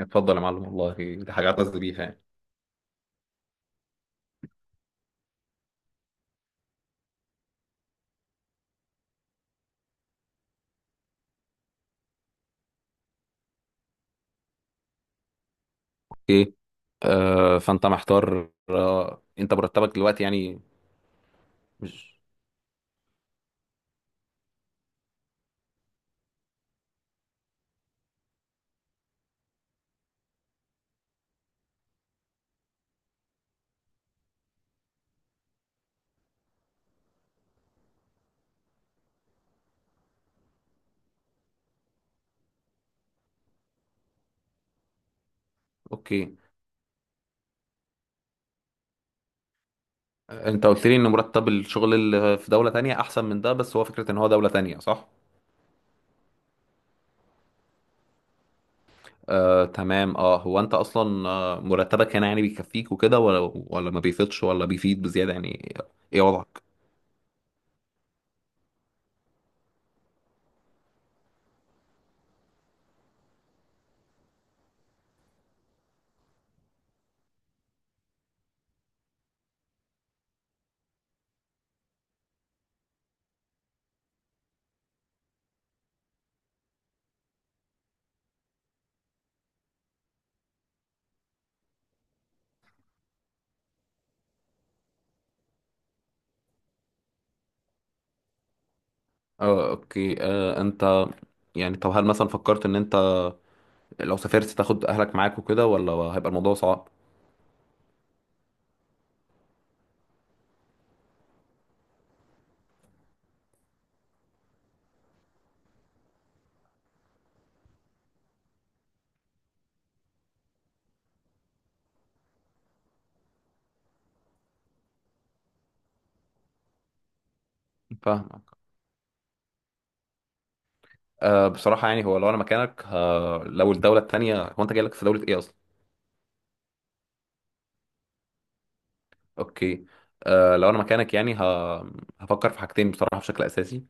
اتفضل يا معلم، والله دي حاجة اعتز بيها يعني. اوكي. فانت محتار، انت مرتبك دلوقتي يعني؟ مش اوكي. انت قلت لي ان مرتب الشغل اللي في دولة تانية احسن من ده، بس هو فكرة ان هو دولة تانية، صح؟ آه تمام، اه هو انت اصلا مرتبك هنا يعني بيكفيك وكده، ولا ما بيفيدش ولا بيفيد بزيادة يعني؟ ايه وضعك؟ اه، اوكي. انت يعني، طب هل مثلا فكرت ان انت لو سافرت تاخد اهلك معاك وكده، ولا هيبقى الموضوع صعب؟ فاهم. بصراحة يعني هو لو أنا مكانك، لو الدولة التانية، هو أنت جاي لك في دولة إيه أصلا؟ أوكي. لو أنا مكانك يعني، هفكر في حاجتين بصراحة بشكل أساسي.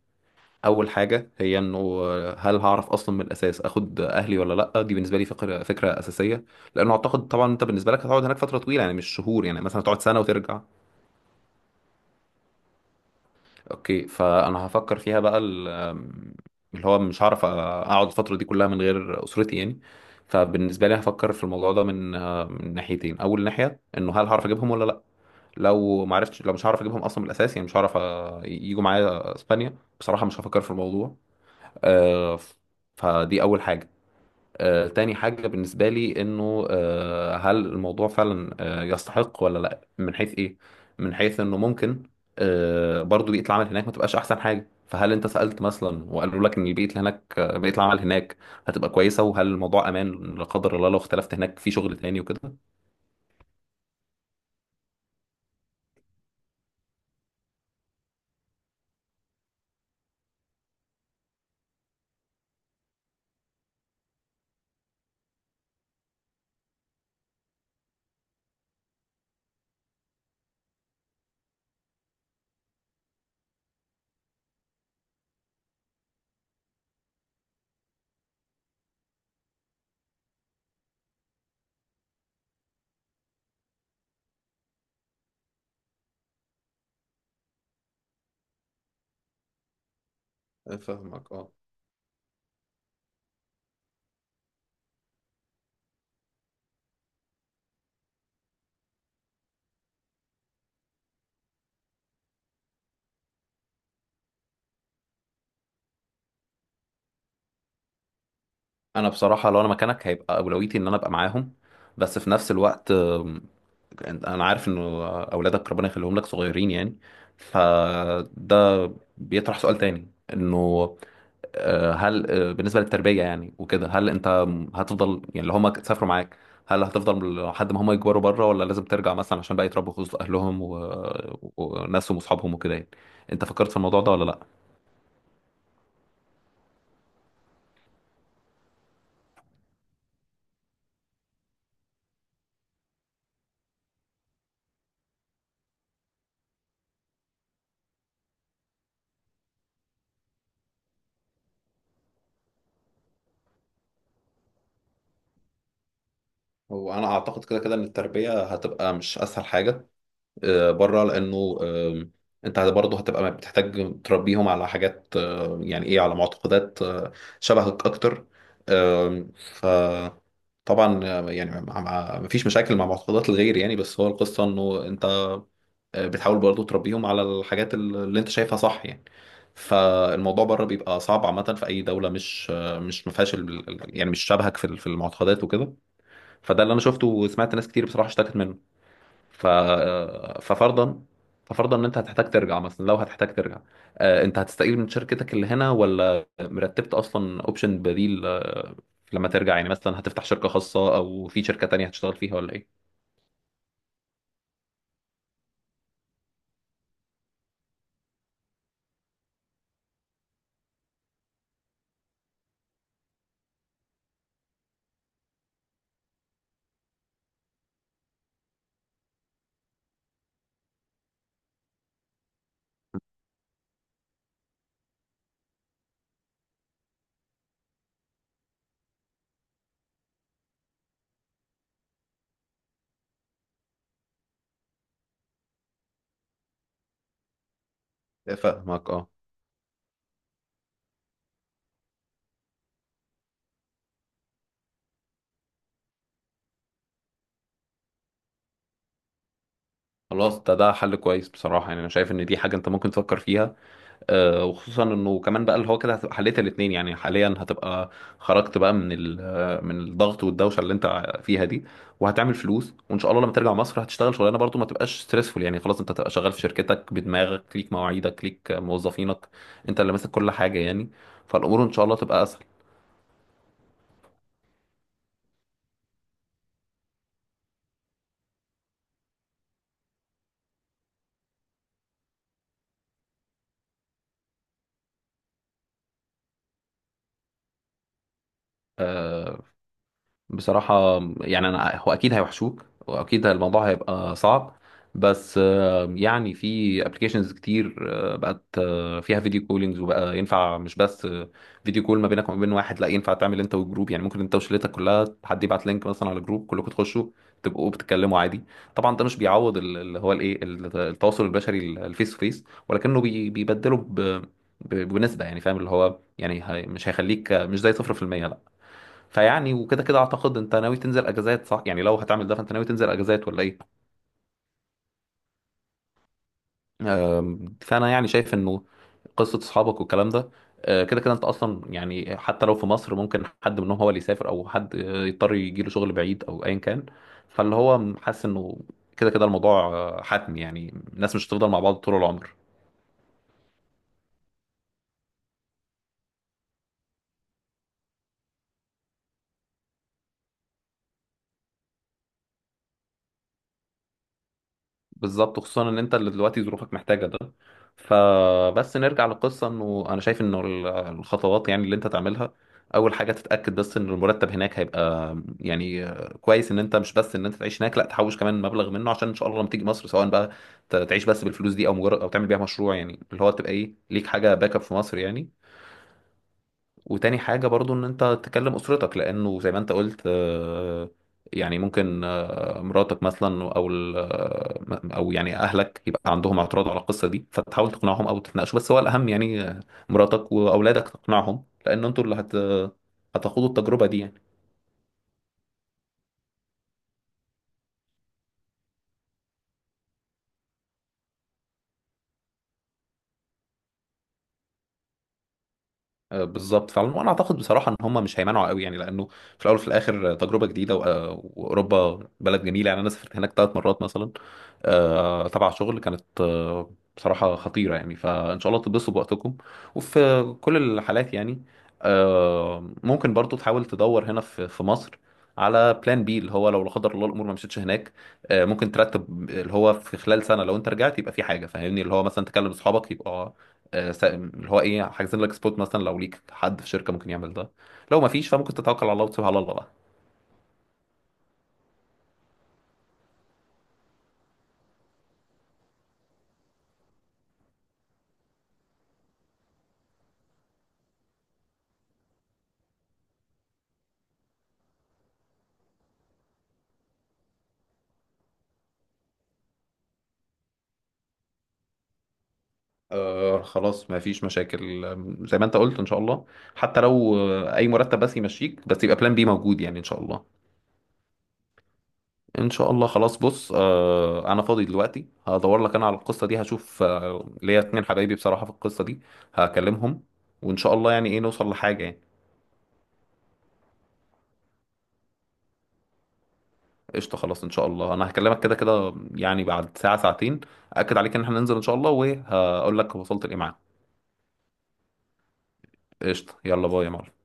أول حاجة هي إنه هل هعرف أصلا من الأساس أخد أهلي ولا لأ. دي بالنسبة لي فكرة أساسية، لأنه أعتقد طبعا أنت بالنسبة لك هتقعد هناك فترة طويلة يعني، مش شهور يعني، مثلا تقعد سنة وترجع. اوكي، فانا هفكر فيها بقى، ال- آم، اللي هو مش هعرف اقعد الفتره دي كلها من غير اسرتي يعني. فبالنسبه لي هفكر في الموضوع ده من ناحيتين. اول ناحيه انه هل هعرف اجيبهم ولا لا. لو ما عرفتش لو مش هعرف اجيبهم اصلا من الاساس، يعني مش هعرف يجوا معايا اسبانيا، بصراحه مش هفكر في الموضوع. آه، ف- فدي اول حاجه. تاني حاجة بالنسبة لي إنه هل الموضوع فعلا يستحق ولا لأ، من حيث إيه؟ من حيث إنه ممكن برضو بيئة العمل هناك ما تبقاش أحسن حاجة. فهل أنت سألت مثلا وقالوا لك إن البيئة اللي هناك، بيئة العمل هناك هتبقى كويسة، وهل الموضوع أمان لا قدر الله لو اختلفت هناك في شغل تاني وكده؟ فاهمك، اه. انا بصراحه لو انا مكانك هيبقى اولويتي ان انا ابقى معاهم. بس في نفس الوقت، انا عارف انه اولادك ربنا يخليهم لك صغيرين يعني، فده بيطرح سؤال تاني، انه آه، هل آه، بالنسبه للتربيه يعني وكده، هل انت هتفضل يعني اللي هم سافروا معاك، هل هتفضل لحد ما هم يكبروا بره، ولا لازم ترجع مثلا عشان بقى يتربوا في وسط اهلهم و... وناسهم واصحابهم وكده يعني. انت فكرت في الموضوع ده ولا لا؟ هو انا اعتقد كده كده ان التربيه هتبقى مش اسهل حاجه بره، لانه انت برضه هتبقى بتحتاج تربيهم على حاجات، يعني ايه، على معتقدات شبهك اكتر. آم، طبعا. يعني مفيش مشاكل مع معتقدات الغير يعني، بس هو القصة انه انت بتحاول برضو تربيهم على الحاجات اللي انت شايفها صح يعني. فالموضوع بره بيبقى صعب عامة في أي دولة، مش ما فيهاش يعني مش شبهك في المعتقدات وكده. فده اللي أنا شفته، وسمعت ناس كتير بصراحة اشتكت منه. ف ففرضا ففرضا ان انت هتحتاج ترجع، مثلا لو هتحتاج ترجع، انت هتستقيل من شركتك اللي هنا، ولا مرتبت اصلا اوبشن بديل لما ترجع؟ يعني مثلا هتفتح شركة خاصة، او في شركة تانية هتشتغل فيها، ولا ايه؟ فاهمك، اه. خلاص ده حل كويس بصراحة، يعني انا شايف ان دي حاجة انت ممكن تفكر فيها. وخصوصا انه كمان بقى، اللي هو كده هتبقى حليت الاثنين يعني، حاليا هتبقى خرجت بقى من ال- آه، من الضغط والدوشه اللي انت فيها دي، وهتعمل فلوس، وان شاء الله لما ترجع مصر هتشتغل شغلانه برضو ما تبقاش ستريسفول يعني. خلاص، انت هتبقى شغال في شركتك بدماغك، ليك مواعيدك، ليك موظفينك، انت اللي ماسك كل حاجه يعني. فالامور ان شاء الله تبقى اسهل. آه، بصراحة يعني، أنا هو أكيد هيوحشوك، وأكيد الموضوع هيبقى صعب، بس يعني في ابلكيشنز كتير بقت فيها فيديو كولينجز، وبقى ينفع مش بس فيديو كول ما بينك وما بين واحد، لا ينفع تعمل انت والجروب يعني. ممكن انت وشلتك كلها حد يبعت لينك مثلا على جروب، كلكم تخشوا تبقوا بتتكلموا عادي. طبعا ده مش بيعوض ال- اللي هو الايه ال- التواصل البشري، الفيس تو فيس، ولكنه بيبدله بنسبة يعني، فاهم اللي هو يعني، مش هيخليك مش زي 0%، لا. فيعني وكده كده اعتقد انت ناوي تنزل اجازات، صح؟ يعني لو هتعمل ده فانت ناوي تنزل اجازات ولا ايه؟ فانا يعني شايف انه قصه اصحابك والكلام ده، كده كده انت اصلا يعني، حتى لو في مصر ممكن حد منهم هو اللي يسافر، او حد يضطر يجي له شغل بعيد او ايا كان. فاللي هو حاسس انه كده كده الموضوع حتمي، يعني الناس مش هتفضل مع بعض طول العمر. بالظبط، خصوصا ان انت اللي دلوقتي ظروفك محتاجه ده. فبس نرجع للقصه، انه انا شايف انه الخطوات يعني اللي انت تعملها: اول حاجه تتاكد بس ان المرتب هناك هيبقى يعني كويس، ان انت مش بس ان انت تعيش هناك، لا، تحوش كمان مبلغ منه، عشان ان شاء الله لما تيجي مصر سواء بقى تعيش بس بالفلوس دي، او مجرد او تعمل بيها مشروع، يعني اللي هو تبقى ايه ليك حاجه باك اب في مصر يعني. وتاني حاجة برضو ان انت تكلم اسرتك، لانه زي ما انت قلت يعني ممكن مراتك مثلا، او او يعني اهلك يبقى عندهم اعتراض على القصة دي، فتحاول تقنعهم او تتناقشوا. بس هو الاهم يعني مراتك واولادك تقنعهم، لان انتوا اللي هتخوضوا التجربة دي يعني. بالظبط فعلا. وانا اعتقد بصراحه ان هم مش هيمنعوا قوي يعني، لانه في الاول وفي الاخر تجربه جديده، و- آه، واوروبا بلد جميله. يعني انا سافرت هناك ثلاث مرات مثلا تبع شغل، كانت بصراحه خطيره يعني، فان شاء الله تتبسطوا بوقتكم. وفي كل الحالات يعني ممكن برضو تحاول تدور هنا في مصر على بلان بي، اللي هو لو لا قدر الله الامور ما مشيتش هناك. ممكن ترتب اللي هو في خلال سنه، لو انت رجعت يبقى في حاجه، فاهمني اللي هو مثلا تكلم اصحابك يبقى اللي هو ايه، حاجزين لك سبوت مثلا، لو ليك حد في شركه ممكن يعمل ده. لو ما فيش فممكن تتوكل على الله وتسيبها على الله بقى. خلاص، ما فيش مشاكل. زي ما انت قلت ان شاء الله، حتى لو اي مرتب بس يمشيك، بس يبقى بلان بي موجود يعني ان شاء الله. ان شاء الله. خلاص، بص انا فاضي دلوقتي، هدور لك انا على القصه دي، هشوف ليا اتنين حبايبي بصراحه في القصه دي، هكلمهم، وان شاء الله يعني ايه نوصل لحاجه يعني. قشطة، خلاص إن شاء الله، أنا هكلمك كده كده يعني بعد ساعة ساعتين. أكد عليك إن إحنا ننزل إن شاء الله، وهقول لك وصلت لإيه معاك. قشطة، يلا باي يا معلم.